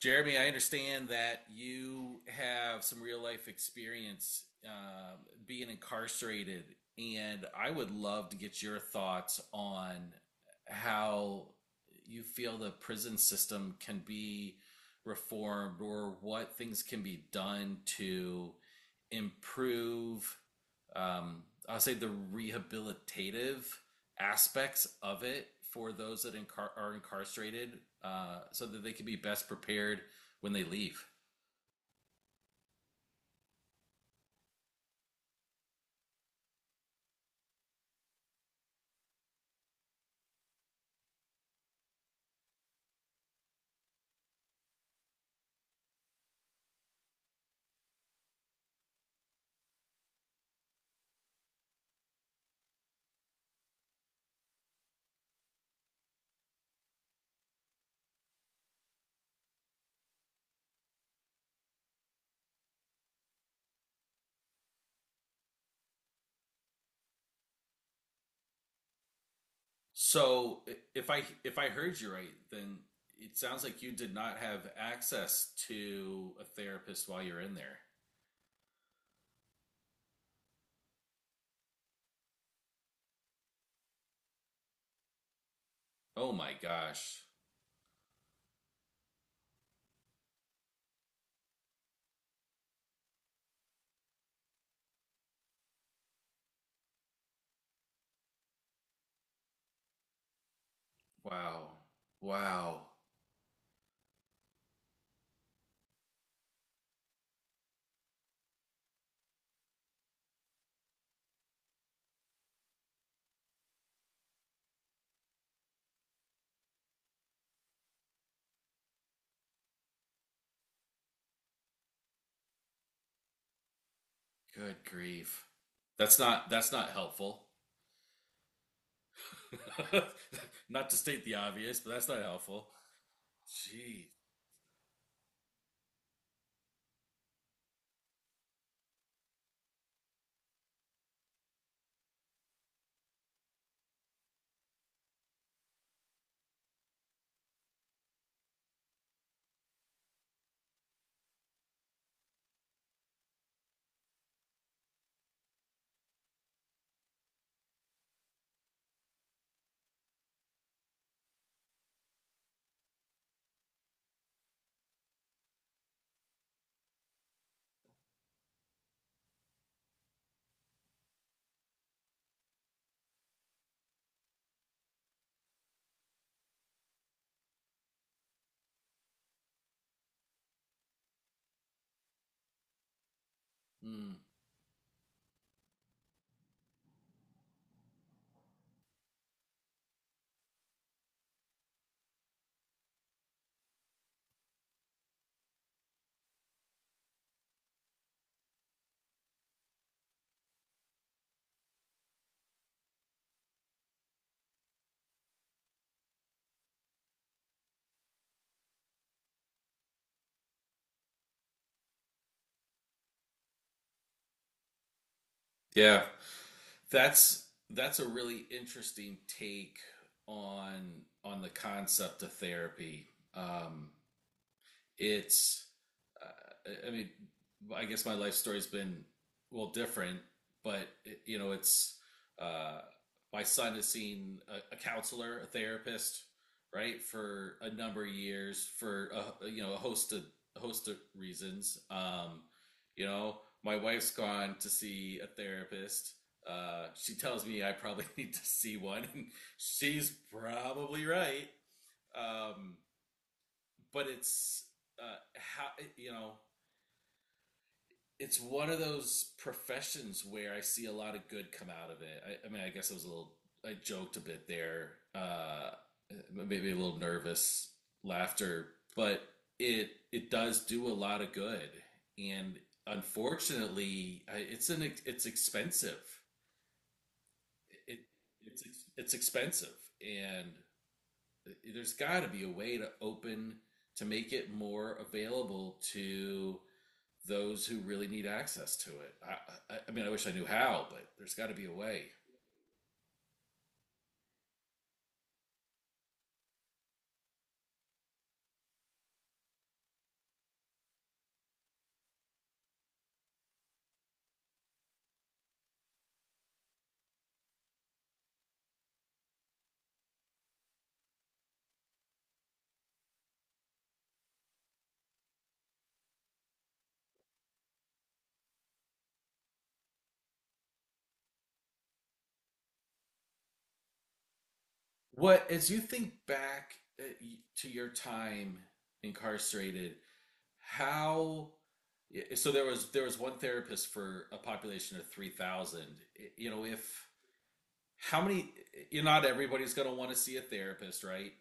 Jeremy, I understand that you have some real life experience being incarcerated, and I would love to get your thoughts on how you feel the prison system can be reformed or what things can be done to improve, um, I'll say, the rehabilitative aspects of it for those that are incarcerated so that they can be best prepared when they leave. So if I heard you right, then it sounds like you did not have access to a therapist while you're in there. Oh my gosh. Wow. Wow. Good grief. That's not helpful. Not to state the obvious, but that's not helpful. Gee. Hmm. Yeah. That's a really interesting take on on the concept of therapy. Um, it's I, mean, I guess my life story's been well different, but you know, it's uh, my son has seen a counselor, a therapist, right, for a number of years for a, a host of reasons. You know, my wife's gone to see a therapist. She tells me I probably need to see one, and she's probably right. Um, but it's how you know it's one of those professions where I see a lot of good come out of it. I mean, I guess I was a little, I joked a bit there, maybe a little nervous laughter, but it does do a lot of good. And unfortunately, it's expensive. It it's it's expensive, and there's got to be a way to open to make it more available to those who really need access to it. I mean, I wish I knew how, but there's got to be a way. What, as you think back uh, to your time incarcerated, how? So there was one therapist for a population of 3,000. You know, if how many? You know, not everybody's going to want to see a therapist, right?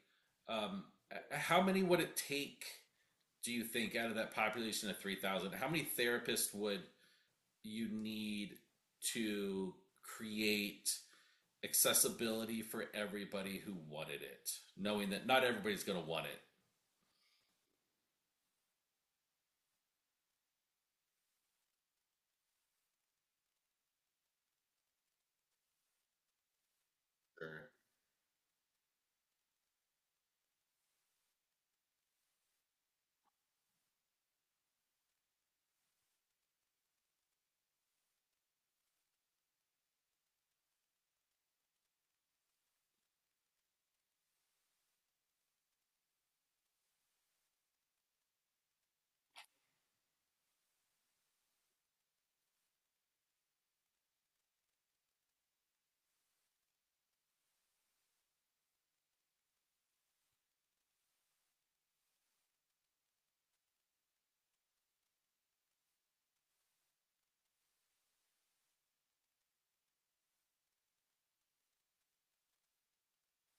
Um, how many would it take? Do you think out of that population of 3,000, how many therapists would you need to create accessibility for everybody who wanted it, knowing that not everybody's going to want it. Sure.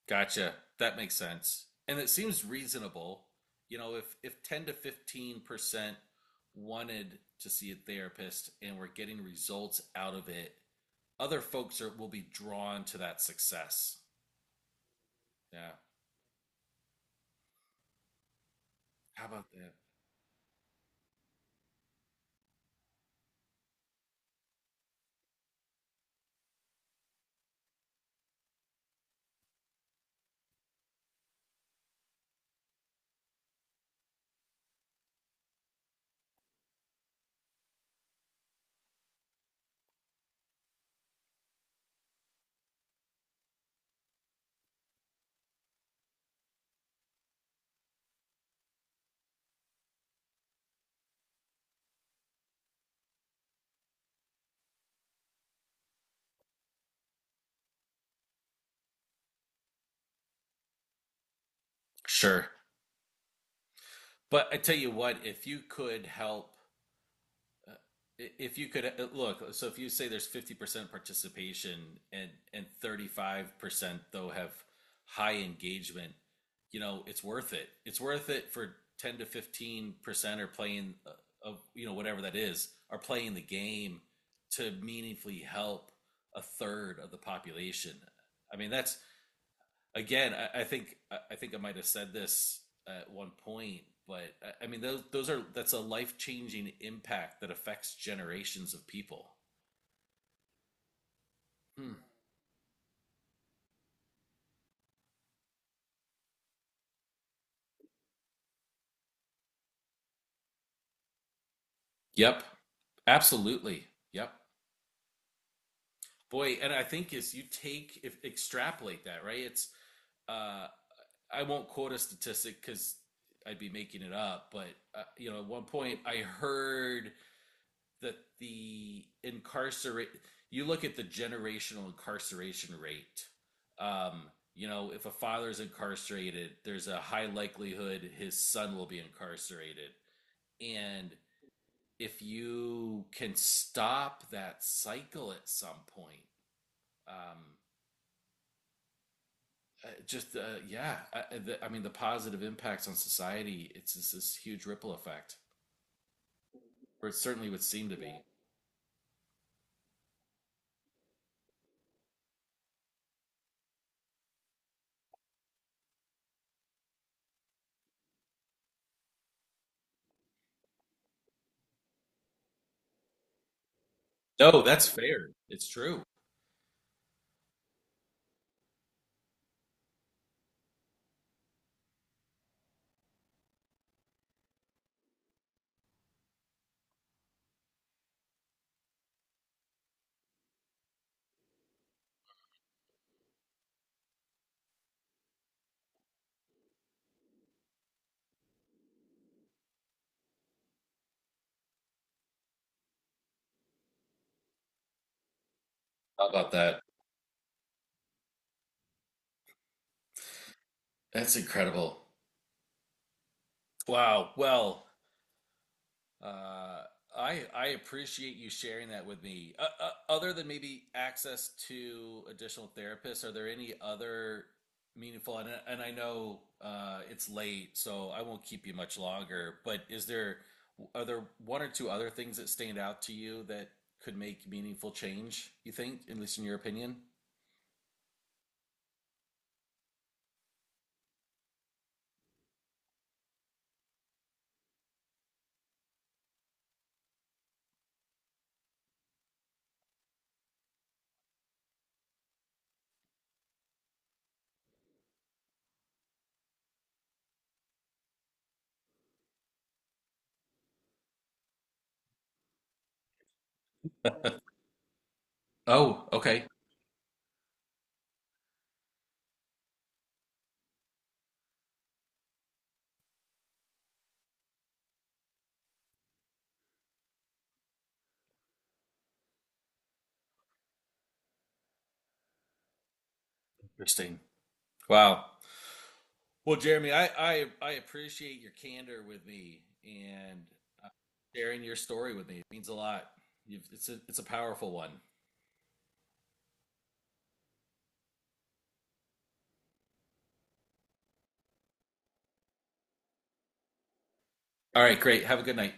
Gotcha. That makes sense. And it seems reasonable. You know, if 10 to 15% wanted to see a therapist and we're getting results out of it, other folks are, will be drawn to that success. Yeah. How about that? Sure. But I tell you what, if you could help Uh, If you could, look, so if you say there's 50% participation and 35% though have high engagement, you know, it's worth it. It's worth it for 10 to 15% are playing of, you know, whatever that is, are playing the game to meaningfully help a third of the population. I mean, that's again, I think I think I might have said this at one point, but I mean those are that's a life changing impact that affects generations of people. Hmm. Yep, absolutely. Yep, boy, and I think as you take if extrapolate that right, it's uh, I won't quote a statistic because I'd be making it up, but you know at one point I heard that the incarcerate you look at the generational incarceration rate. Um, you know, if a father's incarcerated, there's a high likelihood his son will be incarcerated. And if you can stop that cycle at some point, um, just yeah, I mean, the positive impacts on society, it's just this huge ripple effect, or it certainly would seem to be. No, that's fair. It's true. How about that? That's incredible. Wow. Well, uh, I appreciate you sharing that with me. Other than maybe access to additional therapists, are there any other meaningful? And I know it's late, so I won't keep you much longer. But is there are there one or two other things that stand out to you that could make meaningful change? You think, at least in your opinion? Oh, okay. Interesting. Wow. Well, Jeremy, I appreciate your candor with me and sharing your story with me. It means a lot. It's a powerful one. All right, great. Have a good night.